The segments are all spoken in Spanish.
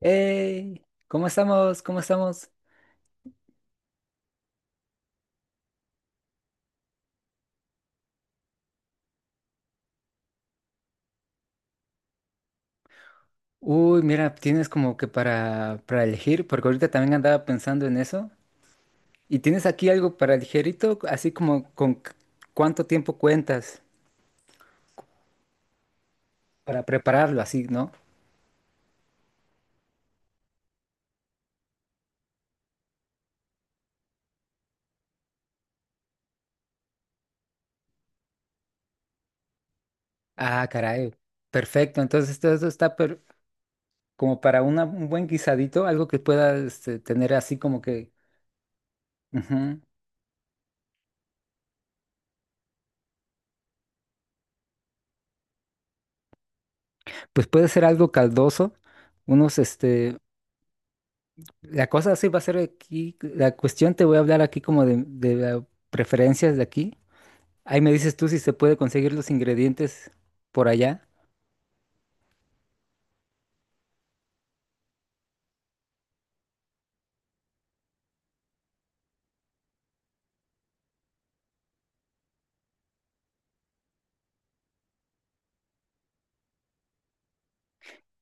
Hey, ¿cómo estamos? ¿Cómo estamos? Uy, mira, tienes como que para, elegir, porque ahorita también andaba pensando en eso. ¿Y tienes aquí algo para ligerito, así como con cuánto tiempo cuentas para prepararlo, así, ¿no? Ah, caray. Perfecto. Entonces todo eso está como para un buen guisadito, algo que pueda este, tener así como que, ujú. Pues puede ser algo caldoso, unos este, la cosa sí va a ser aquí, la cuestión te voy a hablar aquí como de, preferencias de aquí. Ahí me dices tú si se puede conseguir los ingredientes por allá.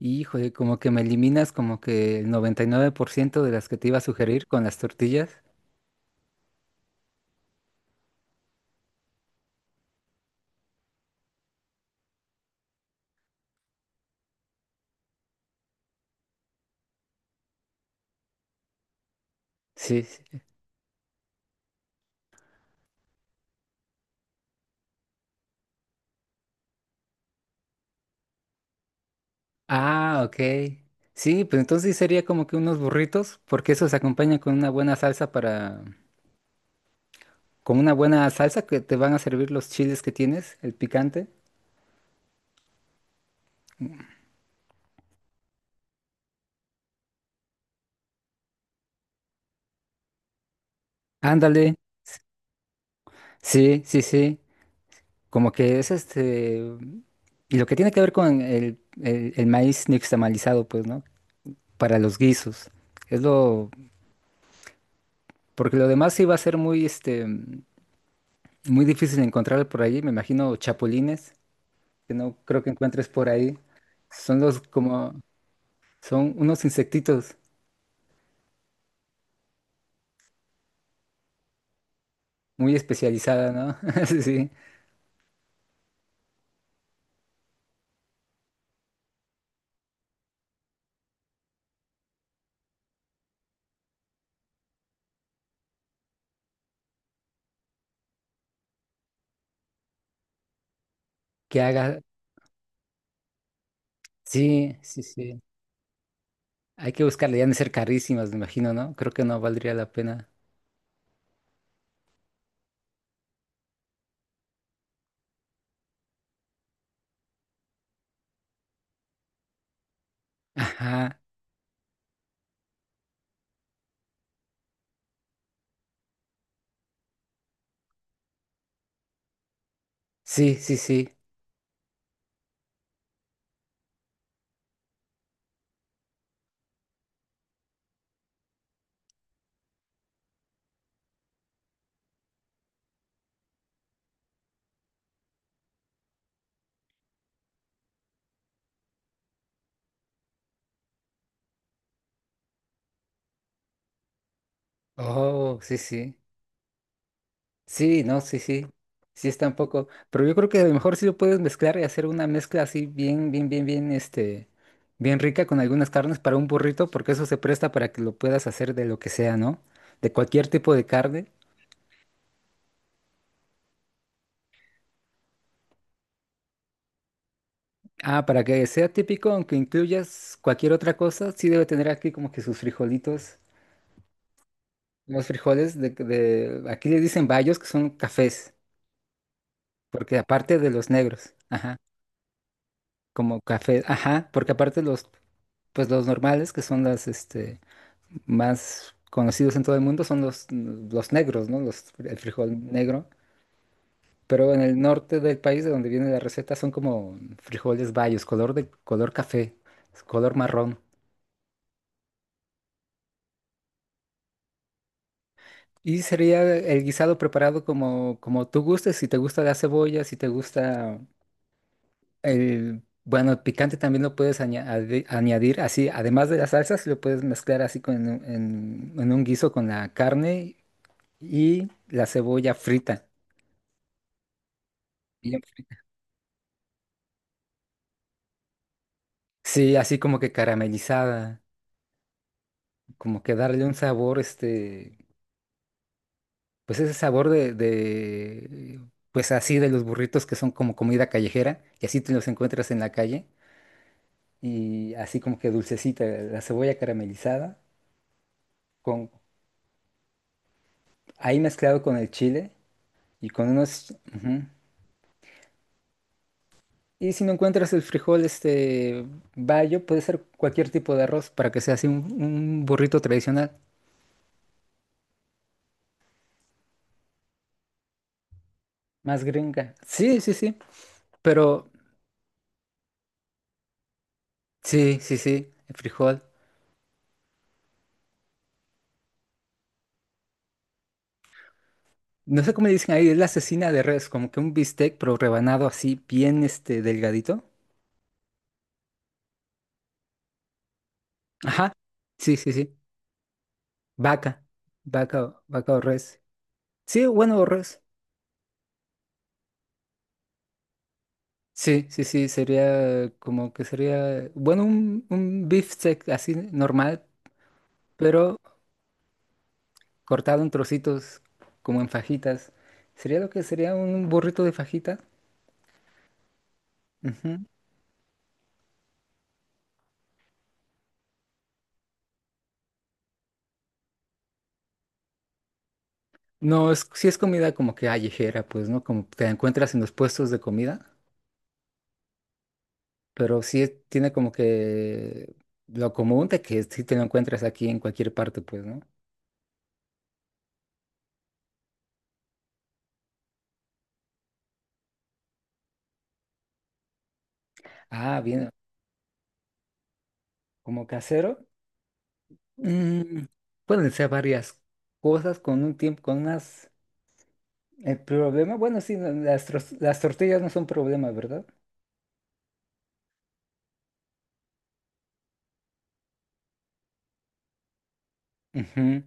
Híjole, como que me eliminas como que el 99% de las que te iba a sugerir con las tortillas. Sí. Sí. Ah, ok. Sí, pues entonces sí sería como que unos burritos, porque eso se acompaña con una buena salsa para, con una buena salsa que te van a servir los chiles que tienes, el picante. Ándale. Sí, sí, sí. Como que es este... Y lo que tiene que ver con el maíz nixtamalizado, pues, ¿no? Para los guisos. Es lo... Porque lo demás sí va a ser muy, este, muy difícil encontrar por allí. Me imagino chapulines, que no creo que encuentres por ahí. Son los como... Son unos insectitos muy especializados, ¿no? Sí, sí. Que haga... Sí, sí, sí. Hay que buscarle. Ya han de ser carísimas, me imagino, ¿no? Creo que no valdría la pena. Ajá. Sí, sí, sí. Oh, sí, sí. Sí, no, sí, sí. Sí está un poco. Pero yo creo que a lo mejor sí lo puedes mezclar y hacer una mezcla así bien, bien, bien, bien, este, bien rica con algunas carnes para un burrito, porque eso se presta para que lo puedas hacer de lo que sea, ¿no? De cualquier tipo de carne. Ah, para que sea típico, aunque incluyas cualquier otra cosa, sí debe tener aquí como que sus frijolitos. Los frijoles de, aquí le dicen bayos, que son cafés, porque aparte de los negros, ajá, como café, ajá, porque aparte los pues los normales, que son las este, más conocidos en todo el mundo, son los negros, ¿no? Los, el frijol negro. Pero en el norte del país, de donde viene la receta, son como frijoles bayos, color de color café, color marrón. Y sería el guisado preparado como, como tú gustes, si te gusta la cebolla, si te gusta el... Bueno, el picante también lo puedes añadir así, además de las salsas, lo puedes mezclar así con, en un guiso con la carne y la cebolla frita, bien frita. Sí, así como que caramelizada, como que darle un sabor, este, pues ese sabor de, pues así de los burritos que son como comida callejera, y así te los encuentras en la calle, y así como que dulcecita, la cebolla caramelizada, con, ahí mezclado con el chile y con unos... ujú. Y si no encuentras el frijol, este, bayo, puede ser cualquier tipo de arroz para que sea así un burrito tradicional. Más gringa. Sí, sí, sí. Pero sí, sí, sí. El frijol. No sé cómo le dicen ahí, es la asesina de res, como que un bistec, pero rebanado así, bien este, delgadito. Ajá. Sí, sí, sí. Vaca. Vaca, vaca o res. Sí, bueno, o res. Sí, sí, sí. Sería como que sería, bueno, un beefsteak así normal, pero cortado en trocitos, como en fajitas. Sería lo que sería un burrito de fajita. Ujú. No, es, sí es comida como que callejera, pues, ¿no? Como te encuentras en los puestos de comida, pero tiene como que lo común de que sí te lo encuentras aquí en cualquier parte, pues, ¿no? Ah, bien, como casero, mm, pueden ser varias cosas con un tiempo, con unas... El problema, bueno, sí, no, las, las tortillas no son problema, ¿verdad? Ujú.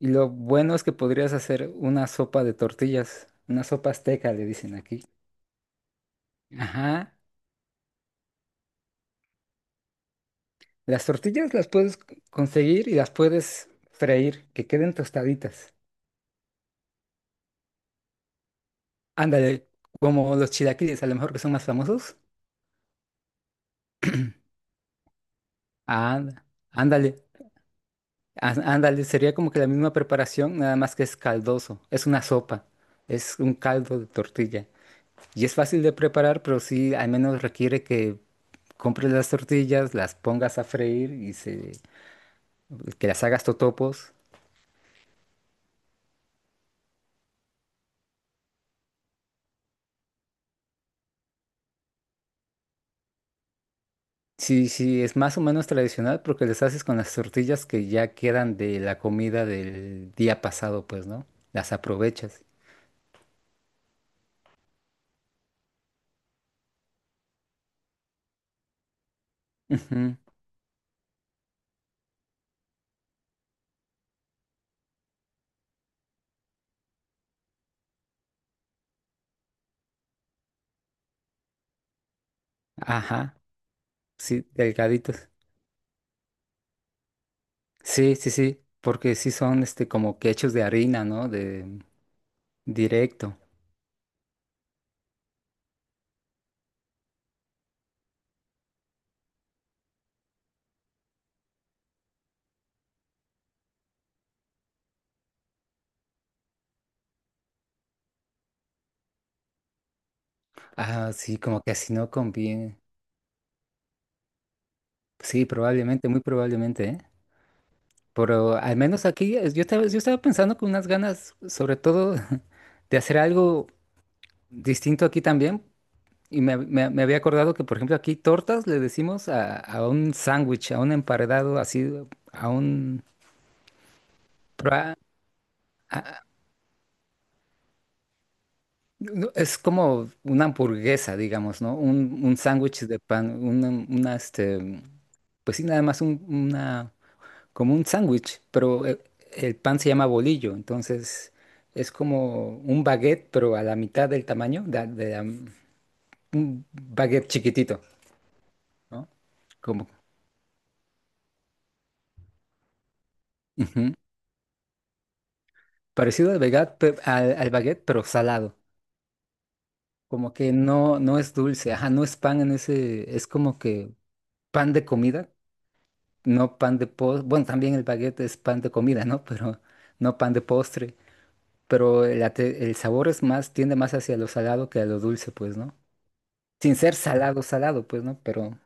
Y lo bueno es que podrías hacer una sopa de tortillas, una sopa azteca, le dicen aquí. Ajá. Las tortillas las puedes conseguir y las puedes freír, que queden tostaditas. Ándale, como los chilaquiles, a lo mejor que son más famosos. Anda, ándale, ándale, sería como que la misma preparación, nada más que es caldoso. Es una sopa, es un caldo de tortilla. Y es fácil de preparar, pero sí, al menos requiere que compres las tortillas, las pongas a freír que las hagas totopos. Sí, sí, es más o menos tradicional porque les haces con las tortillas que ya quedan de la comida del día pasado, pues, ¿no? Las aprovechas. Ujú. Ajá, sí, delgaditos. Sí, sí, sí, porque sí son este como que hechos de harina, ¿no? De directo. Ah, sí, como que así no conviene. Sí, probablemente, muy probablemente, ¿eh? Pero al menos aquí yo estaba pensando con unas ganas, sobre todo, de hacer algo distinto aquí también. Y me había acordado que, por ejemplo, aquí tortas le decimos a un sándwich, a un emparedado, así, a un... pra- a- a- no, es como una hamburguesa, digamos, ¿no? Un sándwich de pan, una, este... Pues sí, nada más una... como un sándwich, pero el pan se llama bolillo, entonces es como un baguette, pero a la mitad del tamaño de, un baguette chiquitito, ¿no? Como... Ujú. Parecido al baguette, al, al baguette, pero salado. Como que no, no es dulce, ajá, no es pan en ese, es como que pan de comida, no pan de postre. Bueno, también el baguette es pan de comida, ¿no? Pero no pan de postre. Pero el, el sabor es más, tiende más hacia lo salado que a lo dulce, pues, ¿no? Sin ser salado, salado, pues, ¿no? Pero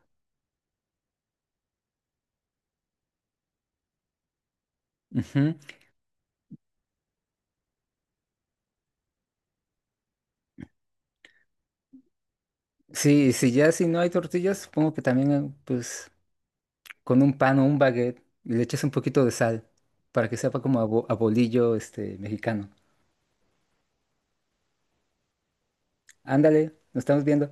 ujú. Sí, si ya si no hay tortillas, supongo que también, pues, con un pan o un baguette y le echas un poquito de sal para que sepa como a, a bolillo este mexicano. Ándale, nos estamos viendo.